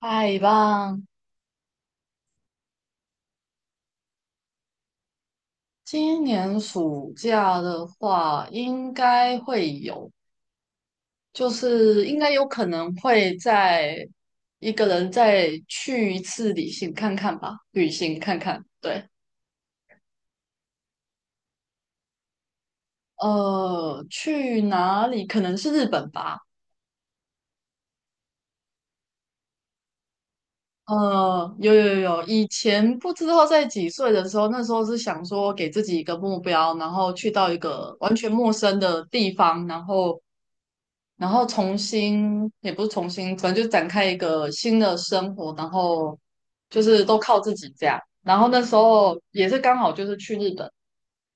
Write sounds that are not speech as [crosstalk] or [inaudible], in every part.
太棒！今年暑假的话，应该会有，就是应该有可能会再一个人再去一次旅行看看吧，旅行看看。对，去哪里？可能是日本吧。有有有，以前不知道在几岁的时候，那时候是想说给自己一个目标，然后去到一个完全陌生的地方，然后重新也不是重新，可能就展开一个新的生活，然后就是都靠自己这样。然后那时候也是刚好就是去日本，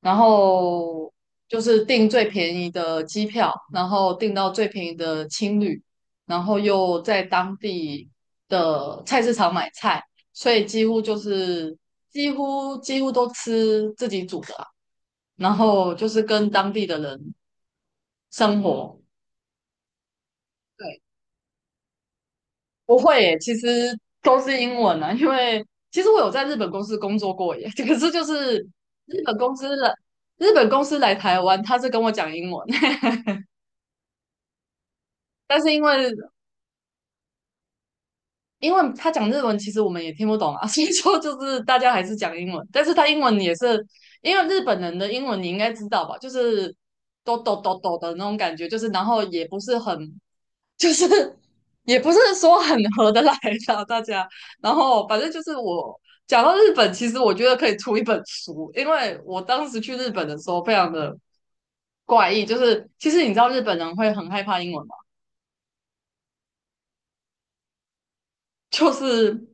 然后就是订最便宜的机票，然后订到最便宜的青旅，然后又在当地的菜市场买菜，所以几乎就是几乎几乎都吃自己煮的啊，然后就是跟当地的人生活。对不会耶，其实都是英文啊，因为其实我有在日本公司工作过耶，[laughs] 可是就是日本公司来，日本公司来台湾，他是跟我讲英文，[laughs] 但是因为他讲日文，其实我们也听不懂啊，[laughs] 所以说就是大家还是讲英文，但是他英文也是，因为日本人的英文你应该知道吧，就是哆哆哆哆的那种感觉，就是然后就是也不是说很合得来的大家。然后反正就是我讲到日本，其实我觉得可以出一本书，因为我当时去日本的时候非常的怪异，就是其实你知道日本人会很害怕英文吗？就是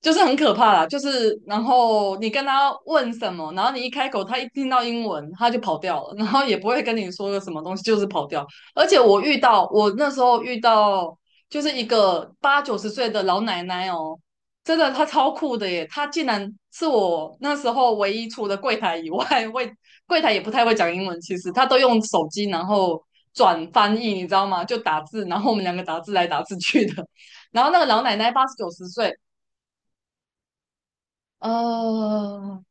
就是很可怕啦，就是然后你跟他问什么，然后你一开口，他一听到英文他就跑掉了，[laughs] 然后也不会跟你说个什么东西，就是跑掉。而且我那时候遇到就是一个八九十岁的老奶奶哦，真的她超酷的耶，她竟然是我那时候唯一除了柜台以外，[laughs] 会柜台也不太会讲英文，其实她都用手机然后转翻译，你知道吗？就打字，然后我们两个打字来打字去的。[laughs] 然后那个老奶奶八十九十岁。呃，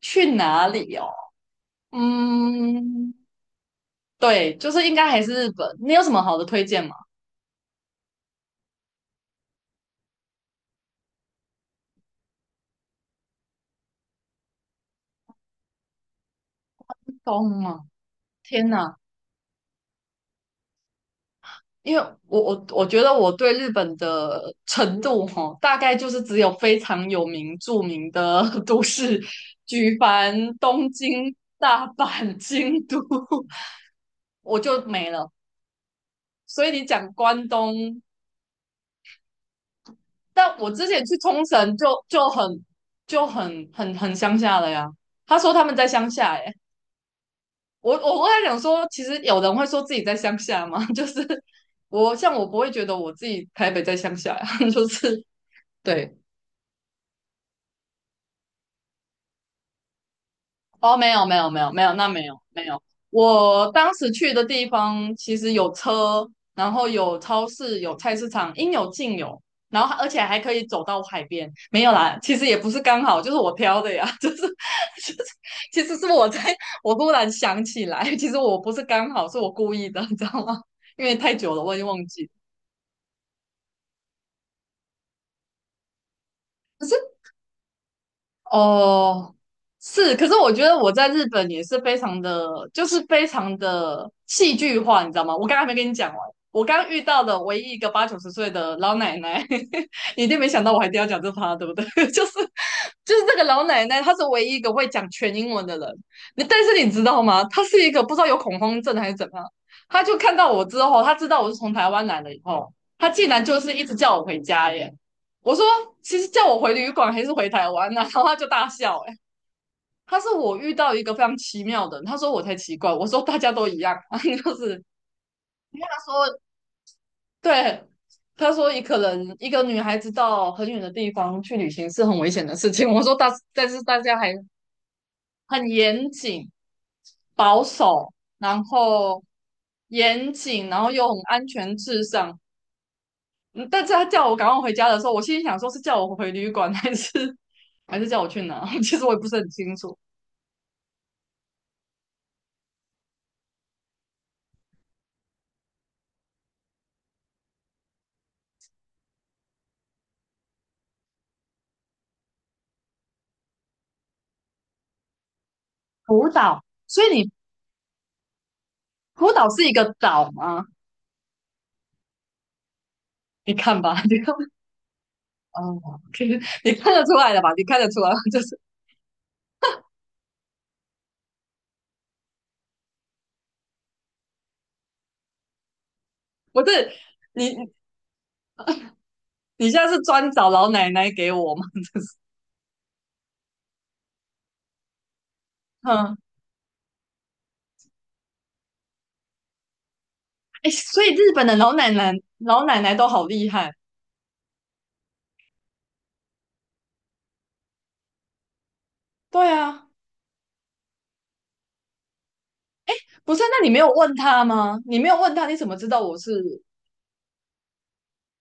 去哪里哦？嗯，对，就是应该还是日本。你有什么好的推荐吗？东啊，天哪！因为我觉得我对日本的程度哈，大概就是只有非常有名著名的 [laughs] 都市，举凡东京、大阪、京都，[laughs] 我就没了。所以你讲关东，但我之前去冲绳就很乡下了呀。他说他们在乡下、欸，我在想说，其实有人会说自己在乡下嘛，[laughs] 就是像我不会觉得我自己台北在乡下呀，[laughs] 就是对哦，没有没有没有没有，那没有没有，我当时去的地方其实有车，然后有超市，有菜市场，应有尽有，然后而且还可以走到海边，没有啦，其实也不是刚好，就是我挑的呀，[laughs] 就是其实是我突然想起来，其实我不是刚好，是我故意的，你知道吗？因为太久了，我已经忘记。哦，是，可是我觉得我在日本也是非常的，就是非常的戏剧化，你知道吗？我刚刚还没跟你讲完，我刚遇到的唯一一个八九十岁的老奶奶，[laughs] 你一定没想到我还一定要讲这趴，对不对？[laughs] 就是就是这个老奶奶，她是唯一一个会讲全英文的人。但是你知道吗？她是一个不知道有恐慌症还是怎么样，她就看到我之后，她知道我是从台湾来的以后，她竟然就是一直叫我回家耶。我说，其实叫我回旅馆还是回台湾呢、啊然后他就大笑、欸，哎他说我遇到一个非常奇妙的人，他说我才奇怪，我说大家都一样，[laughs] 就是他说对，他说可能一个女孩子到很远的地方去旅行是很危险的事情。我说大，但是大家还很严谨、保守，然后严谨，然后又很安全至上。嗯但是他叫我赶快回家的时候，我心里想说是叫我回旅馆还是 [laughs] 还是叫我去哪？[laughs] 其实我也不是很清楚。福岛，所以福岛是一个岛吗？你看吧，[laughs] 你看，哦可以，你看得出来了吧？你看得出来，就是不是你你现在是专找老奶奶给我吗？[laughs] 就是，嗯，哎，所以日本的老奶奶都好厉害，对啊，不是？那你没有问他吗？你没有问他，你怎么知道我是？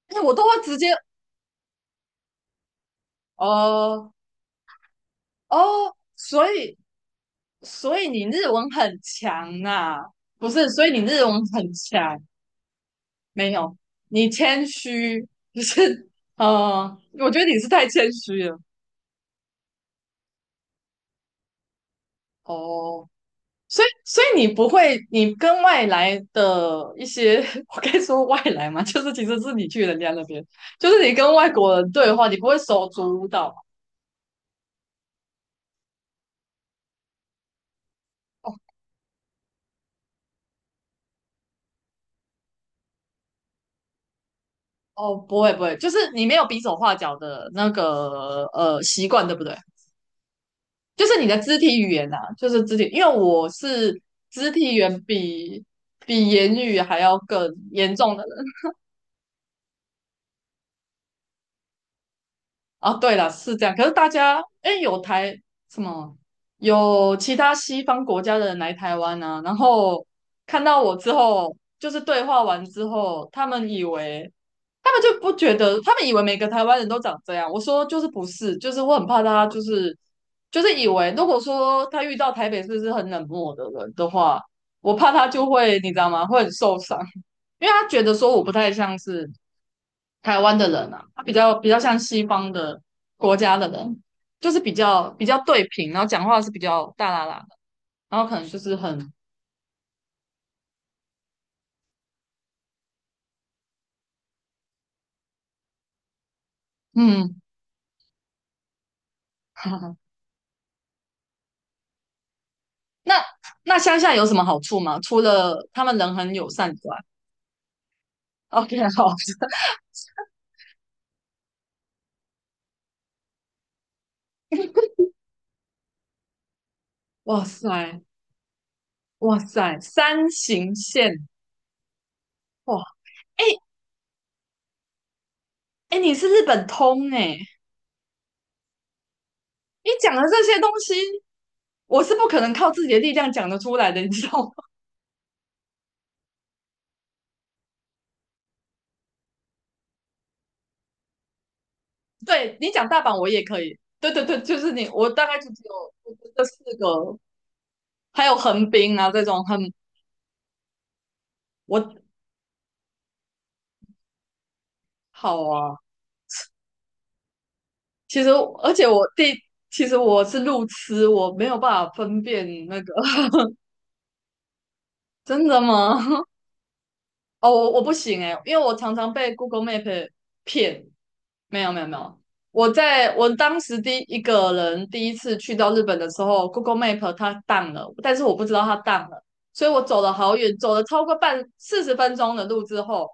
哎，我都会直接，哦哦，所以你日文很强啊，不是？所以你日文很强。没有，你谦虚，就是呃，我觉得你是太谦虚了哦。所以，你不会，你跟外来的一些，[laughs] 我该说外来嘛，就是其实是你去人家那边，就是你跟外国人对话，你不会手足舞蹈吗哦，不会不会，就是你没有比手画脚的那个习惯，对不对？就是你的肢体语言啊，就是肢体，因为我是肢体语言比言语还要更严重的。啊，对了，是这样。可是大家，哎，有台什么，有其他西方国家的人来台湾啊，然后看到我之后，就是对话完之后，他们以为，他们就不觉得，他们以为每个台湾人都长这样。我说就是不是，就是我很怕他，就是以为，如果说他遇到台北市是很冷漠的人的话，我怕他就会，你知道吗？会很受伤，因为他觉得说我不太像是。台湾的人啊，他比较像西方的国家的人，就是比较对平，然后讲话是比较大啦啦的，然后可能就是很嗯，[laughs] 那那乡下有什么好处吗？除了他们人很友善之外，OK，好，哇塞，哇塞，山形县，哇，哎、哎、你是日本通哎、你讲的这些东西，我是不可能靠自己的力量讲得出来的，你知道吗？对你讲大阪我也可以，对对对，就是你，我大概就只有这四个，还有横滨啊这种我好啊。其实而且我第其实我是路痴，我没有办法分辨那个，[laughs] 真的吗？哦，我不行诶，因为我常常被 Google Map 骗。没有没有没有，我当时第一个人第一次去到日本的时候，Google Map 它 down 了，但是我不知道它 down 了，所以我走了好远，走了超过40分钟的路之后，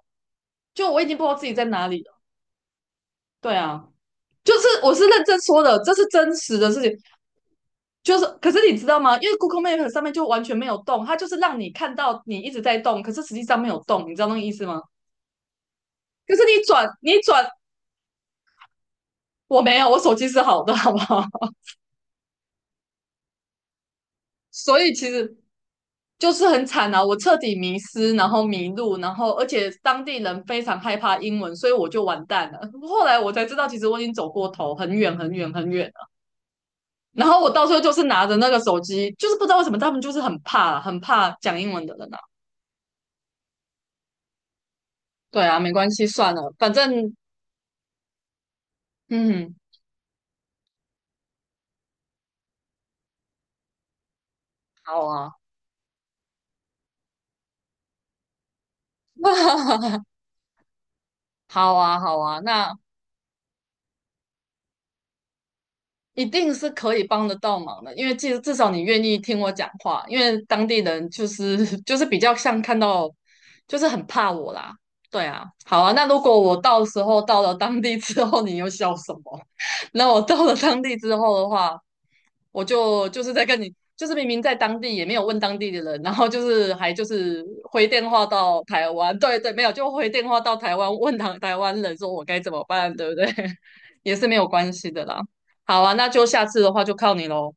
就我已经不知道自己在哪里了。对啊，就是我是认真说的，这是真实的事情。就是可是你知道吗？因为 Google Map 上面就完全没有动，它就是让你看到你一直在动，可是实际上没有动，你知道那个意思吗？可是你转你转我没有，我手机是好的，[laughs] 好不好？所以其实就是很惨啊，我彻底迷失，然后迷路，然后而且当地人非常害怕英文，所以我就完蛋了。后来我才知道，其实我已经走过头，很远很远很远了。然后我到最候就是拿着那个手机，就是不知道为什么他们就是很怕，很怕讲英文的人啊。对啊，没关系，算了，反正嗯，好啊，[laughs] 好啊，好啊，那一定是可以帮得到忙的，因为至少你愿意听我讲话，因为当地人就是 [laughs] 就是比较像看到，就是很怕我啦。对啊，好啊，那如果我到时候到了当地之后，你又笑什么？[laughs] 那我到了当地之后的话，我就是在跟你，就是明明在当地也没有问当地的人，然后就是还就是回电话到台湾，对对，没有就回电话到台湾问台湾人说我该怎么办，对不对？[laughs] 也是没有关系的啦。好啊，那就下次的话就靠你喽。